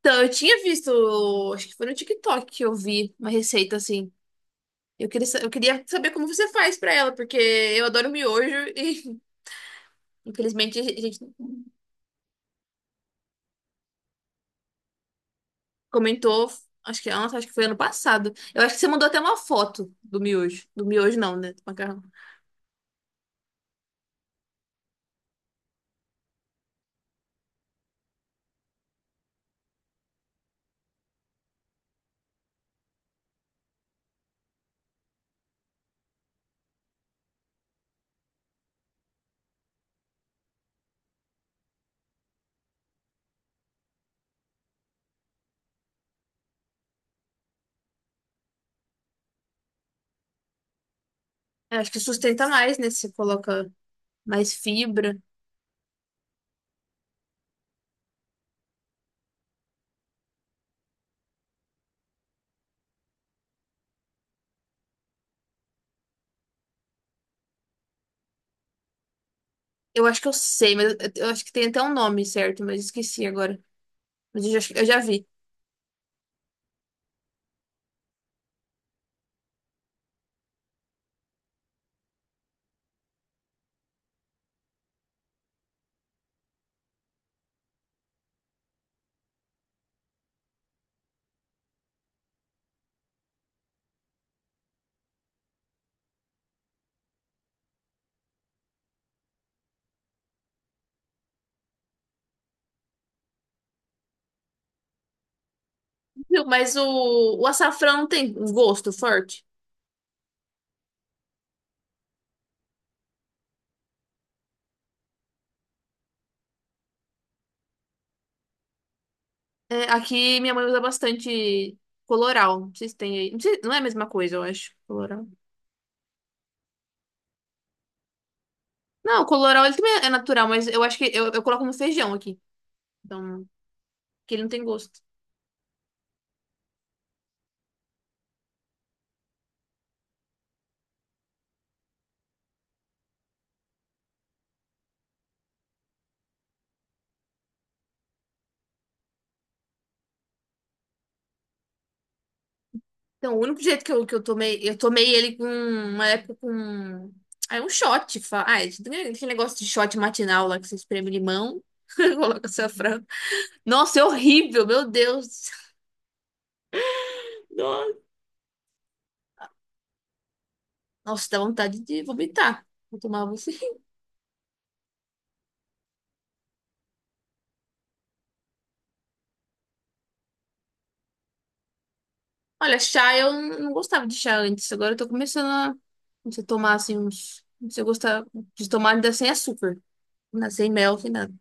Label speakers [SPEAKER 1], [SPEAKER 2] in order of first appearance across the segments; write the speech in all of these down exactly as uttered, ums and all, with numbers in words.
[SPEAKER 1] Então, eu tinha visto, acho que foi no TikTok que eu vi uma receita assim. Eu queria, sa- eu queria saber como você faz pra ela, porque eu adoro miojo e infelizmente a gente comentou, acho que, nossa, acho que foi ano passado. Eu acho que você mandou até uma foto do miojo. Do miojo não, né? Do macarrão. Eu acho que sustenta mais, né? Se você coloca mais fibra. Eu acho que eu sei, mas eu, eu acho que tem até um nome certo, mas esqueci agora. Mas eu já, eu já vi. Mas o, o açafrão tem um gosto forte. É, aqui minha mãe usa bastante coloral. Não sei se tem aí. Não sei- não é a mesma coisa, eu acho. Coloral. Não, coloral ele também é natural, mas eu acho que eu, eu coloco no feijão aqui. Então, que ele não tem gosto. Então, o único jeito que eu, que eu tomei, eu tomei ele com uma época com. Ah, é um shot. Fa... Ah, é, tem aquele negócio de shot matinal lá que você espreme limão, coloca açafrão. Nossa, é horrível, meu Deus. Nossa, dá vontade de vomitar. Vou tomar Olha, chá eu não não gostava de chá antes. Agora eu tô começando a se tomar assim uns. Se eu gostar de tomar ainda sem açúcar, na- sem mel, sem nada.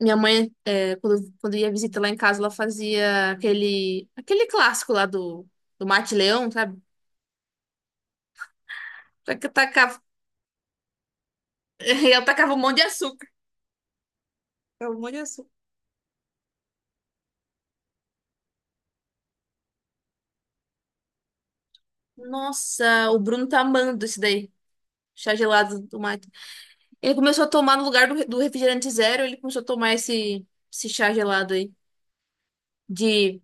[SPEAKER 1] Minha mãe, é, quando, quando ia visitar lá em casa, ela fazia aquele, aquele clássico lá do, do Mate Leão, sabe? Taca- Tacava, ela tacava um monte de açúcar. Tacava um monte de açúcar. Nossa, o Bruno tá amando esse daí. Chá gelado do mate. Ele começou a tomar no lugar do, re- do refrigerante zero, ele começou a tomar esse, esse chá gelado aí. De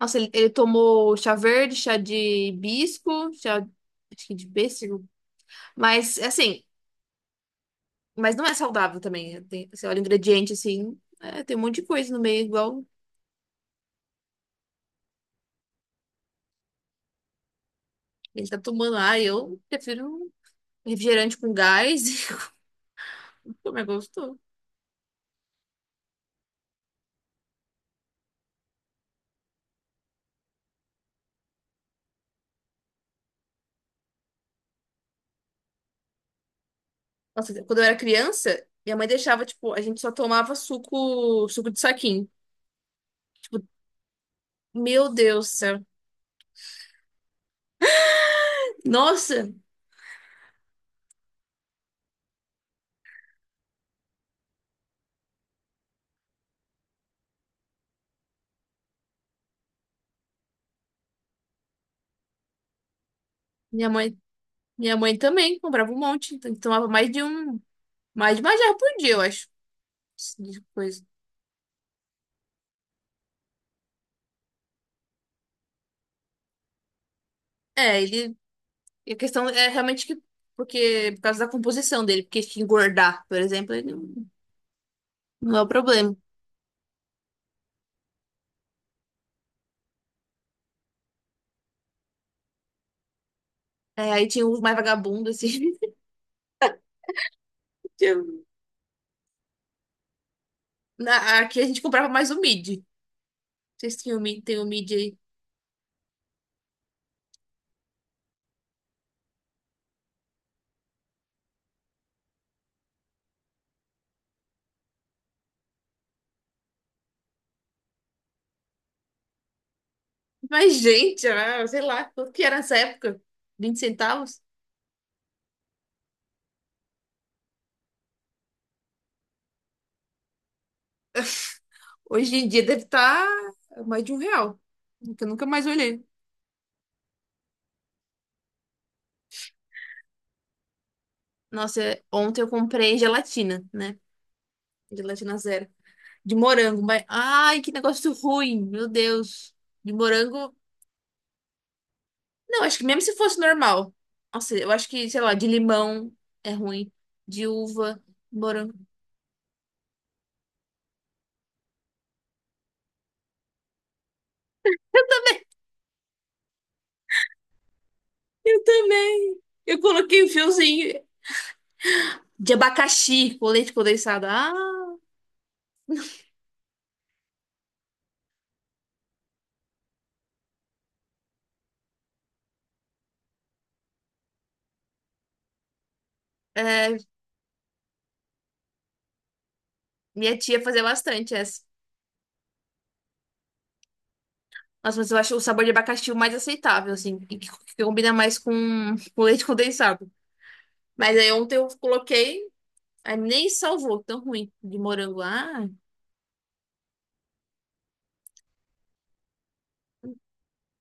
[SPEAKER 1] Nossa, ele, ele tomou chá verde, chá de hibisco, chá acho que de pêssego. Mas, assim, mas não é saudável também. Tem, você olha o ingrediente, assim, é, tem um monte de coisa no meio, igual ele tá tomando. Ah, eu prefiro um refrigerante com gás como é gostoso. Nossa, quando eu era criança, minha mãe deixava, tipo, a gente só tomava suco, suco de saquinho. Tipo, meu Deus do céu. Nossa, minha mãe, minha mãe também comprava um monte, então tomava mais de um, mais de uma jarra por dia, eu acho. De coisa. É, ele. A questão é realmente que. Porque, por causa da composição dele, porque se engordar, por exemplo, ele não, não é o problema. É, aí tinha os mais vagabundos, assim. que eu- Na, aqui a gente comprava mais o mid. Vocês tinham o mid, tem o mid aí. Mas, gente, ah, sei lá, quanto que era nessa época? Vinte centavos? Hoje em dia deve estar mais de um real. Que eu nunca mais olhei. Nossa, ontem eu comprei gelatina, né? Gelatina zero. De morango, mas. Ai, que negócio ruim, meu Deus. De morango. Não, acho que mesmo se fosse normal. Nossa, eu acho que, sei lá, de limão é ruim. De uva, morango. Eu também. Eu coloquei um fiozinho de abacaxi com leite condensado. Ah, é, minha tia fazia bastante essa. Nossa, mas eu acho o sabor de abacaxi o mais aceitável, assim, e que, que combina mais com, com leite condensado. Mas aí ontem eu coloquei, aí nem salvou, tão ruim, de morango. Ah.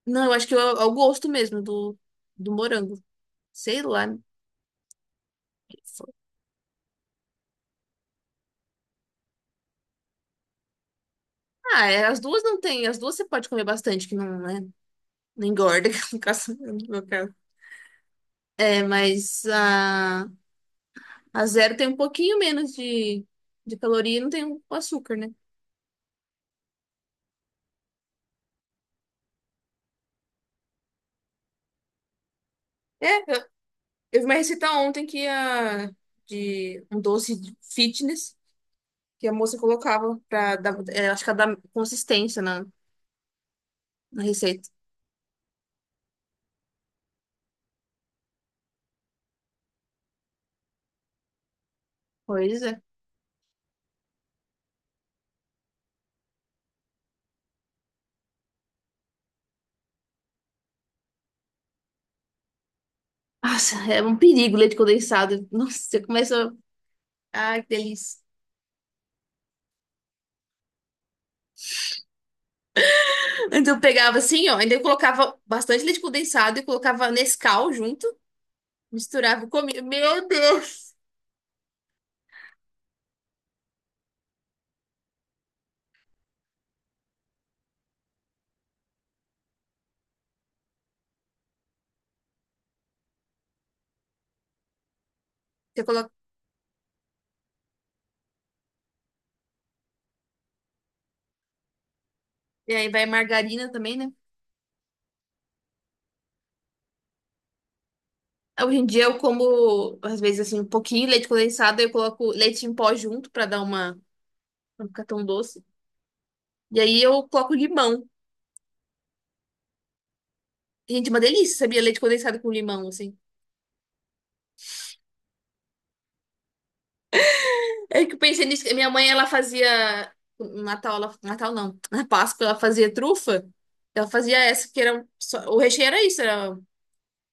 [SPEAKER 1] Não, eu acho que é o é o gosto mesmo do, do morango. Sei lá. Ah, é, as duas não tem. As duas você pode comer bastante, que não, né, não engorda, que no caso, no meu caso. É, mas a, a zero tem um pouquinho menos de, de caloria e não tem o açúcar, né? É, eu vi uma receita ontem que a, de um doce de fitness que a moça colocava pra dar, é, acho que dar consistência na, na receita. Pois é. Nossa, é um perigo o leite condensado. Nossa, você começa. Ah, que delícia. Então eu pegava assim, ó, ainda eu colocava bastante leite condensado e colocava Nescau junto, misturava comida. Meu Deus! Você coloca... E aí vai margarina também, né? Hoje em dia eu como, às vezes, assim, um pouquinho de leite condensado, eu coloco leite em pó junto pra dar uma. Pra não ficar tão doce. E aí eu coloco limão. Gente, uma delícia, sabia? Leite condensado com limão, assim. É que eu pensei nisso. Que minha mãe, ela fazia. No Natal, ela. Natal não. Na Páscoa, ela fazia trufa. Ela fazia essa, que era. só- O recheio era isso, era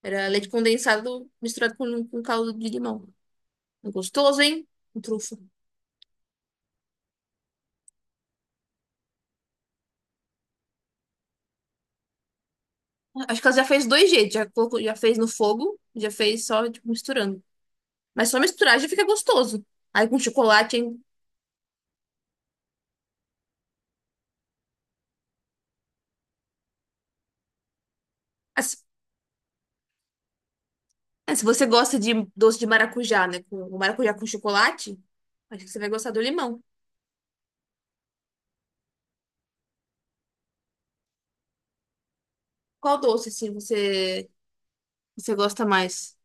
[SPEAKER 1] Era leite condensado misturado com, com caldo de limão. Gostoso, hein? Com trufa. Acho que ela já fez dois jeitos. Já, colocou- já fez no fogo, já fez só, tipo, misturando. Mas só misturar já fica gostoso. Aí com chocolate, hein? Assim, é, se você gosta de doce de maracujá, né? Com, o maracujá com chocolate, acho que você vai gostar do limão. Qual doce, assim, você, você gosta mais?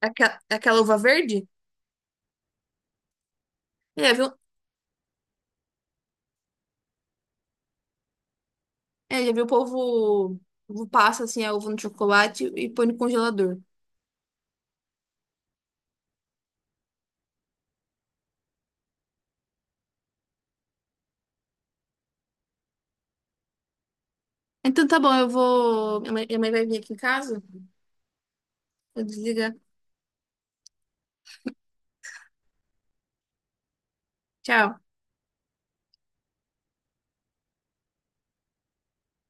[SPEAKER 1] Aquela, aquela uva verde? É, viu? É, já viu o povo, o povo, passa, assim, a uva no chocolate e põe no congelador. Então tá bom, eu vou. Minha mãe minha mãe vai vir aqui em casa. Vou desligar. Tchau.